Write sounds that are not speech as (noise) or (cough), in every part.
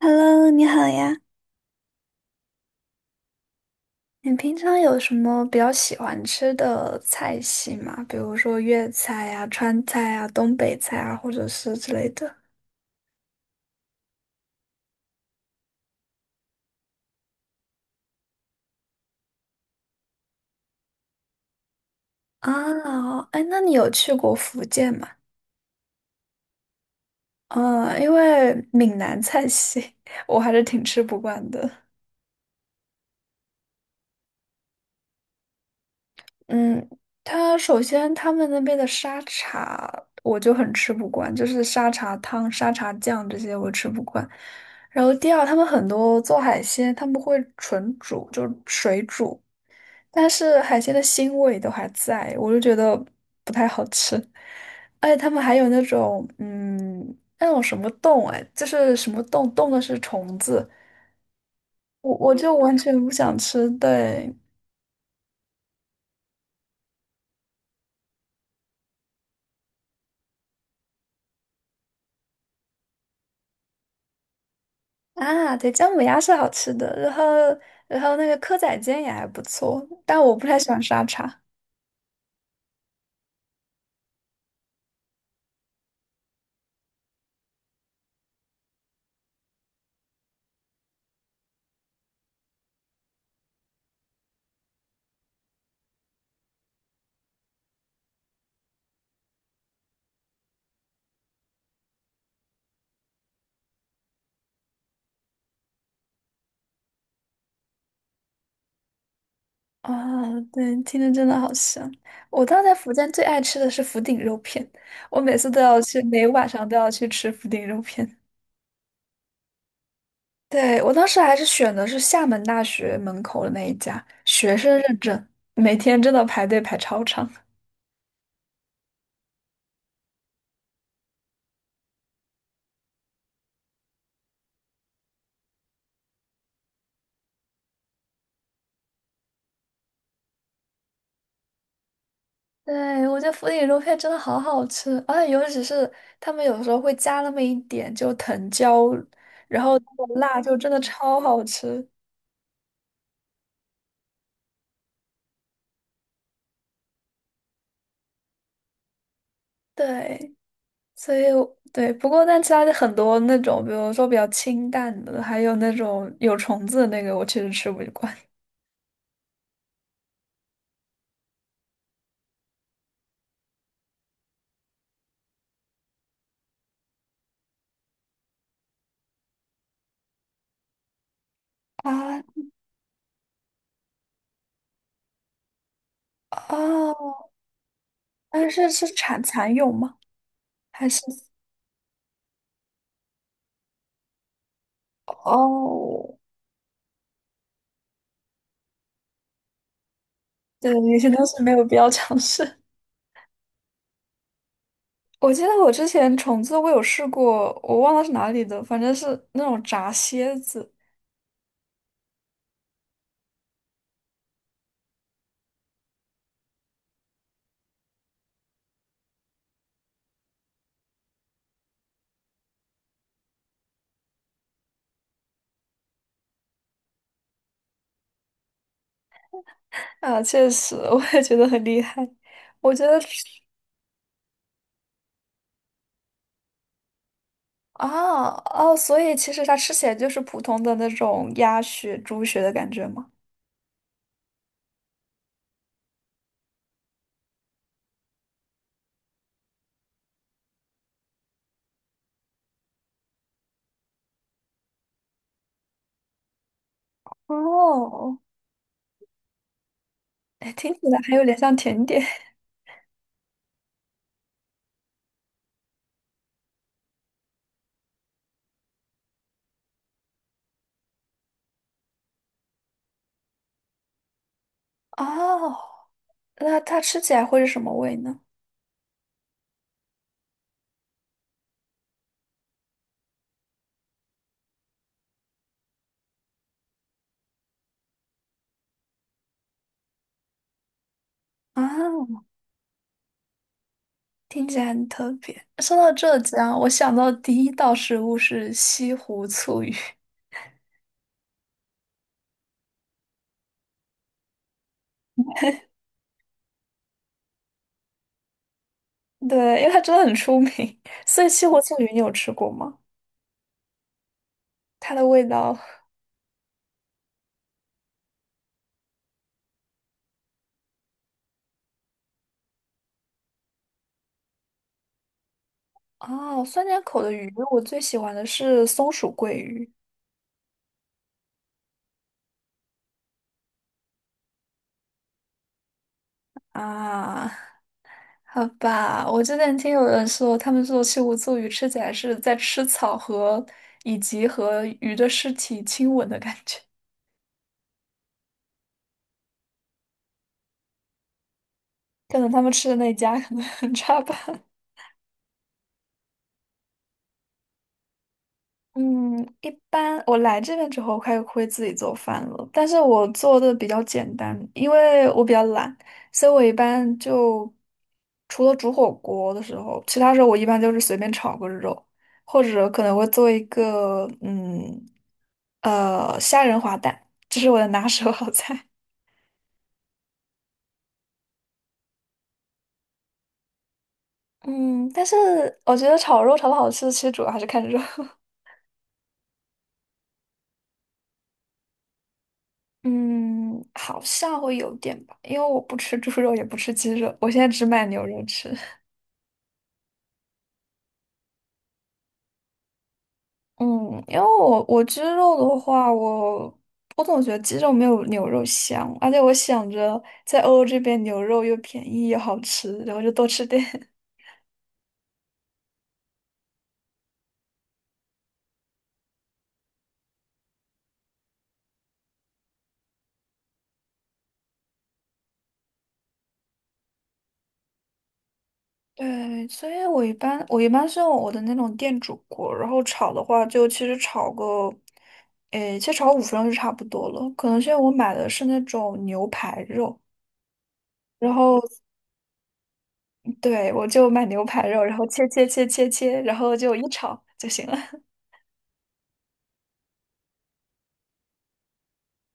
Hello，你好呀。你平常有什么比较喜欢吃的菜系吗？比如说粤菜呀、川菜啊、东北菜啊，或者是之类的。啊，哎，那你有去过福建吗？嗯，因为闽南菜系 (laughs) 我还是挺吃不惯的。嗯，首先他们那边的沙茶我就很吃不惯，就是沙茶汤、沙茶酱这些我吃不惯。然后第二，他们很多做海鲜，他们会纯煮，就是水煮，但是海鲜的腥味都还在，我就觉得不太好吃。而且他们还有那种，那种什么冻，哎，就是什么冻，冻的是虫子，我就完全不想吃，对。啊，对，姜母鸭是好吃的，然后那个蚵仔煎也还不错，但我不太喜欢沙茶。啊，对，听着真的好香。我当时在福建最爱吃的是福鼎肉片，我每次都要去，每晚上都要去吃福鼎肉片。对，我当时还是选的是厦门大学门口的那一家，学生认证，每天真的排队排超长。对，我觉得福鼎肉片真的好好吃，而且尤其是他们有时候会加那么一点就藤椒，然后那个辣就真的超好吃。对，所以我对，不过但其他的很多那种，比如说比较清淡的，还有那种有虫子的那个，我确实吃不惯。啊哦，但是是蚕蛹吗？还是哦，对，有些东西没有必要尝试。我记得我之前虫子我有试过，我忘了是哪里的，反正是那种炸蝎子啊，确实 (laughs) 我也觉得很厉害。我觉得啊哦，所以其实它吃起来就是普通的那种鸭血、猪血的感觉吗？哦，哎，听起来还有点像甜点哦 (laughs)。那它吃起来会是什么味呢？啊，听起来很特别。说到浙江，我想到第一道食物是西湖醋鱼。对，因为它真的很出名，(laughs) 所以西湖庆鱼你有吃过吗？它的味道哦，酸甜口的鱼，我最喜欢的是松鼠桂鱼啊。好吧，我之前听有人说，他们说西湖醋鱼吃起来是在吃草和以及和鱼的尸体亲吻的感觉，可能他们吃的那一家可能 (laughs) 很差吧。嗯，一般我来这边之后开始会自己做饭了，但是我做的比较简单，因为我比较懒，所以我一般就除了煮火锅的时候，其他时候我一般就是随便炒个肉，或者可能会做一个虾仁滑蛋，这是我的拿手好菜。(laughs) 嗯，但是我觉得炒肉炒的好吃，其实主要还是看肉。(laughs) 嗯，好像会有点吧，因为我不吃猪肉，也不吃鸡肉，我现在只买牛肉吃。嗯，因为我鸡肉的话，我我总觉得鸡肉没有牛肉香，而且我想着在欧洲这边牛肉又便宜又好吃，然后就多吃点。(laughs) 对，所以我一般是用我的那种电煮锅，然后炒的话就其实炒个，诶，其实炒五分钟就差不多了。可能是因为我买的是那种牛排肉，然后对我就买牛排肉，然后切，然后就一炒就行了。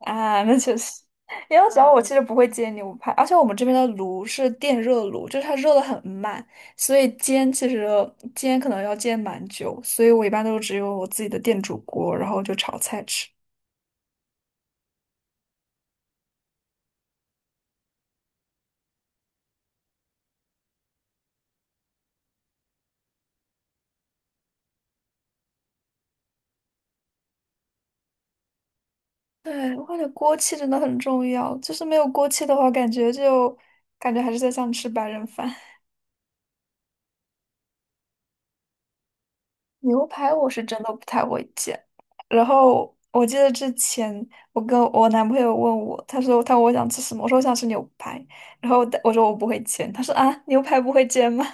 啊，那确实，(laughs) 因为主要我其实不会煎牛排，而且我们这边的炉是电热炉，就是它热的很慢，所以煎其实可能要煎蛮久，所以我一般都只有我自己的电煮锅，然后就炒菜吃。对，我感觉锅气真的很重要，就是没有锅气的话，感觉还是在像吃白人饭。牛排我是真的不太会煎。然后我记得之前我跟我男朋友问我，他说他问我想吃什么，我说我想吃牛排，然后我说我不会煎，他说啊牛排不会煎吗？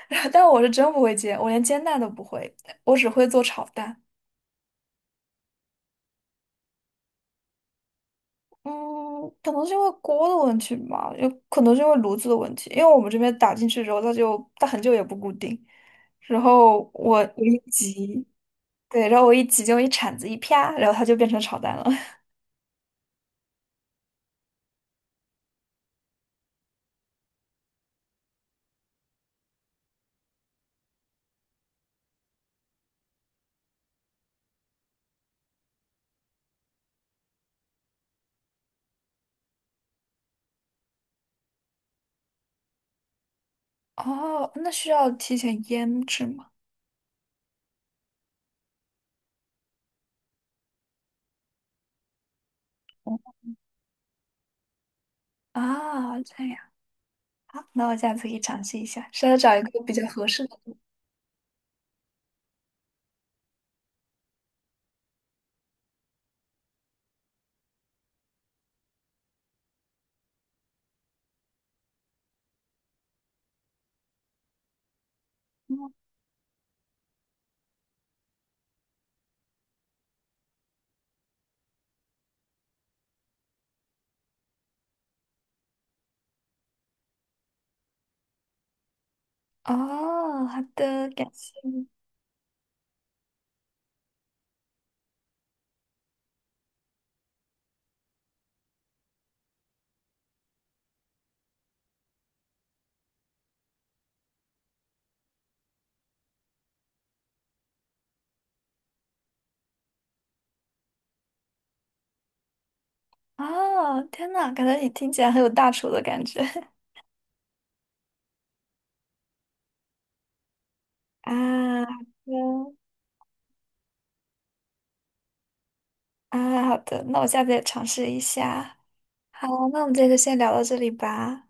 (laughs) 然后但我是真不会煎，我连煎蛋都不会，我只会做炒蛋。嗯，可能是因为锅的问题吧，有可能是因为炉子的问题，因为我们这边打进去之后，它很久也不固定，然后我一急，对，然后我一急就一铲子一啪，然后它就变成炒蛋了。哦，那需要提前腌制吗？哦啊，这样，好，那我下次可以尝试一下，是要找一个比较合适的度。嗯哦，好的，感谢你。哦，天呐，感觉你听起来很有大厨的感觉 (laughs) 啊。好的，啊，好的，那我下次也尝试一下。好，那我们这天先聊到这里吧。